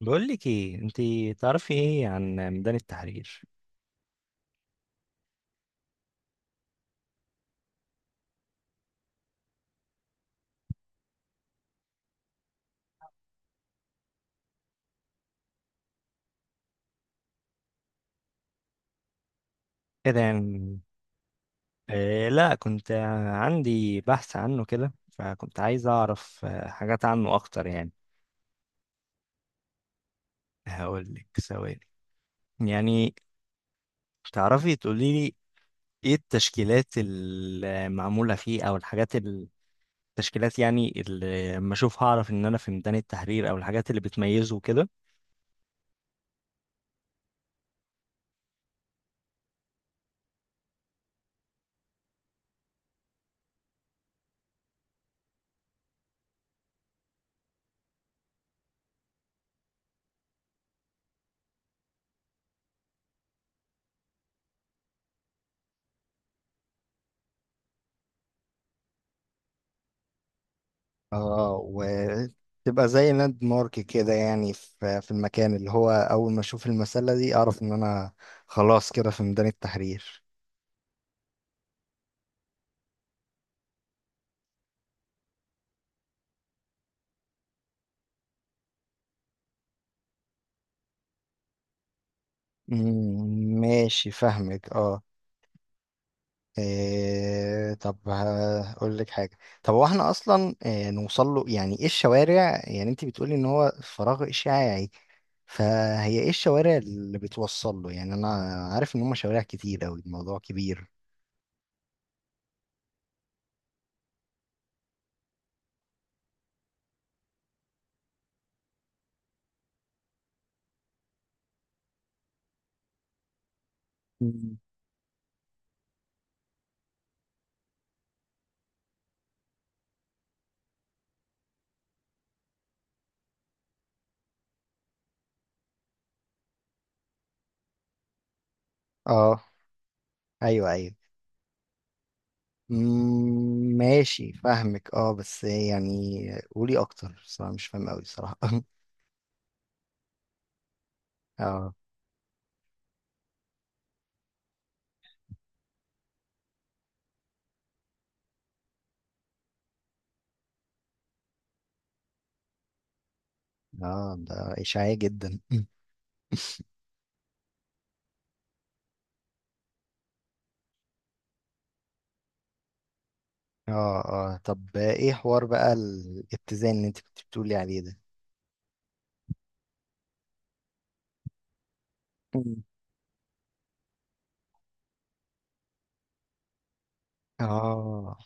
بقول لك ايه انت؟ تعرفي ايه عن ميدان التحرير؟ ايه ده لا، كنت عندي بحث عنه كده، فكنت عايز اعرف حاجات عنه اكتر يعني. هقول لك ثواني. يعني تعرفي تقولي لي ايه التشكيلات المعمولة فيه او الحاجات التشكيلات يعني اللي لما اشوفها اعرف ان انا في ميدان التحرير، او الحاجات اللي بتميزه كده. اه، وتبقى زي لاند مارك كده يعني في المكان، اللي هو اول ما اشوف المسلة دي اعرف ان انا خلاص كده في ميدان التحرير. مم، ماشي فاهمك اه. إيه، طب هقول لك حاجة. طب هو احنا اصلا إيه نوصل له؟ يعني ايه الشوارع؟ يعني انت بتقولي ان هو فراغ اشعاعي، فهي ايه الشوارع اللي بتوصل له؟ يعني انا عارف ان هم شوارع كتير اوي، الموضوع كبير. مم. اه. ايوه ايوه. مم، ماشي فاهمك اه، بس يعني قولي اكتر صراحة، مش فاهم قوي صراحة. اه. اه ده اشاعية جدا. اه. اه، طب ايه حوار بقى الاتزان اللي انت كنت بتقولي عليه ده؟ مم. اه.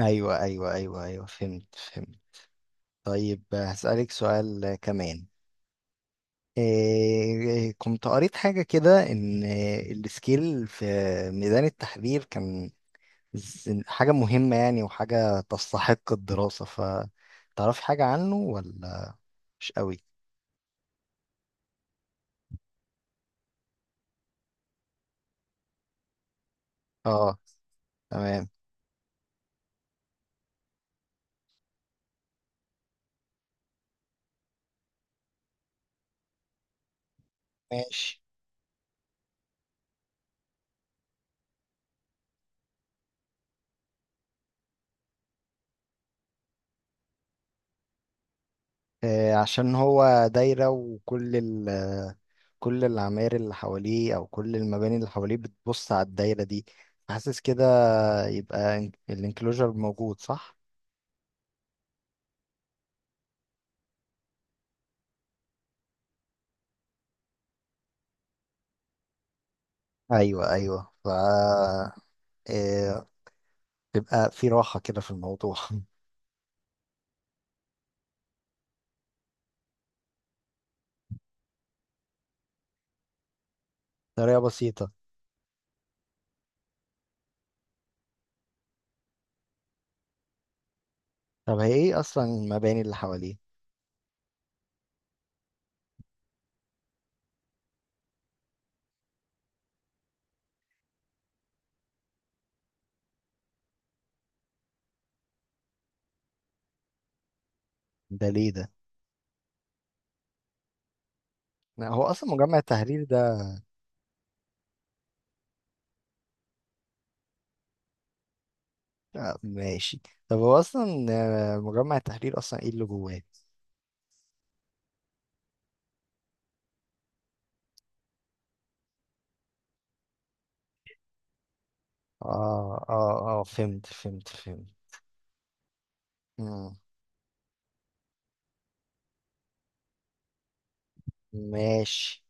ايوه ايوه ايوه ايوه، فهمت فهمت. طيب هسألك سؤال كمان. إيه، كنت قريت حاجة كده، إن السكيل في ميدان التحرير كان حاجة مهمة يعني، وحاجة تستحق الدراسة، فتعرفي حاجة عنه ولا مش قوي؟ اه. تمام. ماشي. آه، عشان هو دايرة، وكل كل العماير اللي حواليه، أو كل المباني اللي حواليه بتبص على الدايرة دي، حاسس كده؟ يبقى الانكلوجر موجود صح؟ أيوه أيوه، ف آه، تبقى في راحة كده في الموضوع. طريقة بسيطة. طب هي إيه أصلا المباني اللي حواليه؟ ده ليه ده؟ هو اصلا مجمع التحرير ده؟ آه، ماشي. طب هو اصلا، مجمع التحرير اصلا ايه اللي جواه؟ اه اه اه، فهمت فهمت فهمت. مم. ماشي.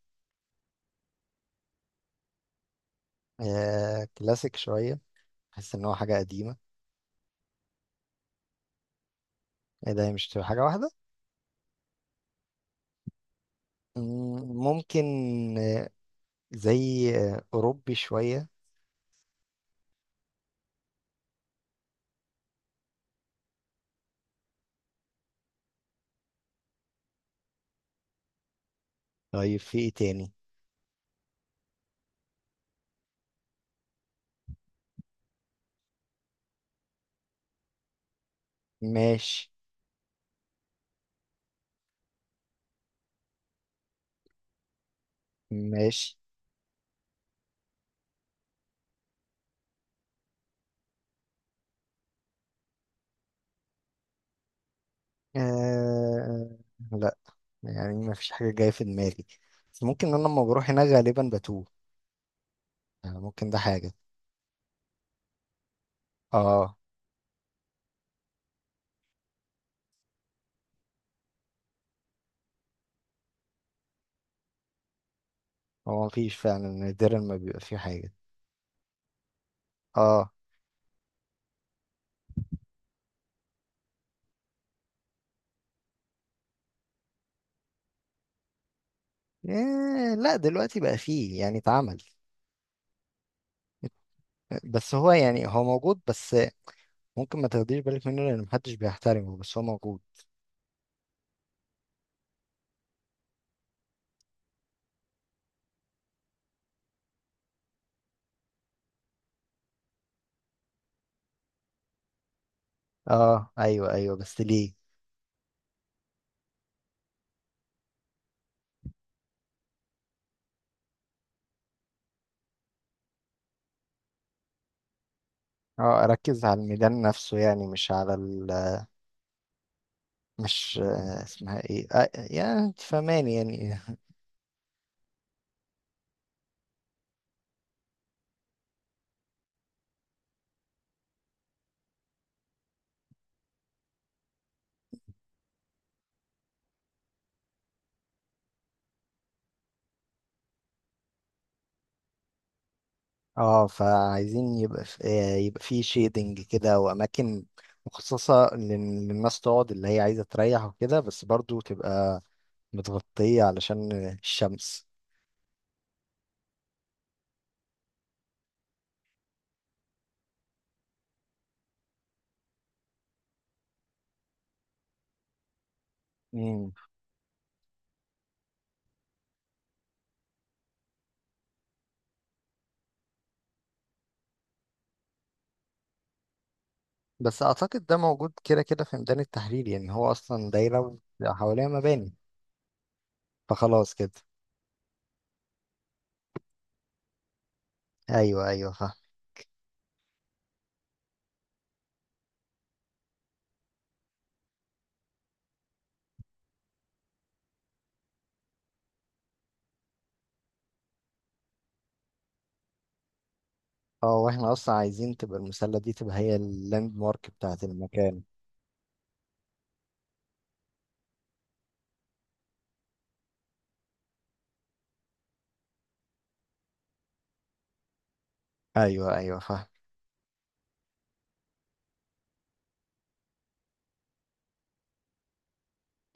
آه، كلاسيك شوية، بحس ان هو حاجة قديمة. ايه ده، هي مش تبقى حاجة واحدة؟ مم، ممكن. آه، زي اوروبي شوية. طيب في ايه تاني؟ ماشي. ماشي. آه لا، يعني ما فيش حاجة جاية في دماغي، بس ممكن انا لما بروح هناك غالبا بتوه. آه، ممكن ده حاجة. اه، هو مفيش فعلا، نادرا ما بيبقى فيه حاجة. اه. إيه لا، دلوقتي بقى فيه يعني، اتعمل. بس هو يعني هو موجود، بس ممكن ما تاخديش بالك منه لان محدش بيحترمه، بس هو موجود. اه ايوه ايوه، بس ليه؟ اه، اركز على الميدان نفسه يعني، مش على مش اسمها ايه، آه يعني انت فاهماني يعني. اه، فعايزين يبقى في يبقى فيه شيدنج كده، واماكن مخصصة للناس تقعد، اللي هي عايزة تريح وكده، بس برضو تبقى متغطية علشان الشمس. مم. بس أعتقد ده موجود كده كده في ميدان التحرير، يعني هو أصلا دايرة حواليها مباني، فخلاص كده. أيوه أيوه، فاهم. اه، واحنا أصلا عايزين تبقى المسلة دي تبقى هي اللاند مارك بتاعت المكان. أيوه أيوه، فاهم.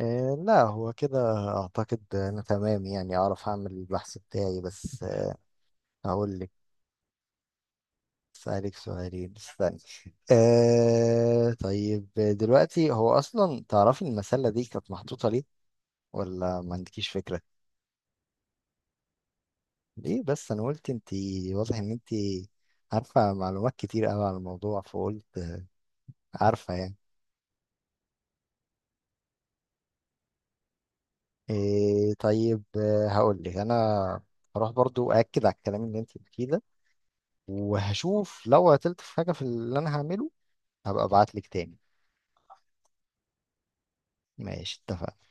إيه لا، هو كده. أعتقد أنا تمام يعني، أعرف أعمل البحث بتاعي، بس هقول لك. أسألك سؤالين، استني. آه طيب، دلوقتي هو أصلا تعرفي المسلة دي كانت محطوطة ليه؟ ولا ما عندكيش فكرة؟ ليه بس، انا قلت انت واضح ان انت عارفة معلومات كتير قوي على الموضوع، فقلت عارفة يعني. إيه طيب، هقول لك انا هروح برضو أأكد على الكلام اللي انت بتقوليه ده، وهشوف لو عطلت في حاجة في اللي انا هعمله، هبقى ابعت لك تاني. ماشي، اتفقنا.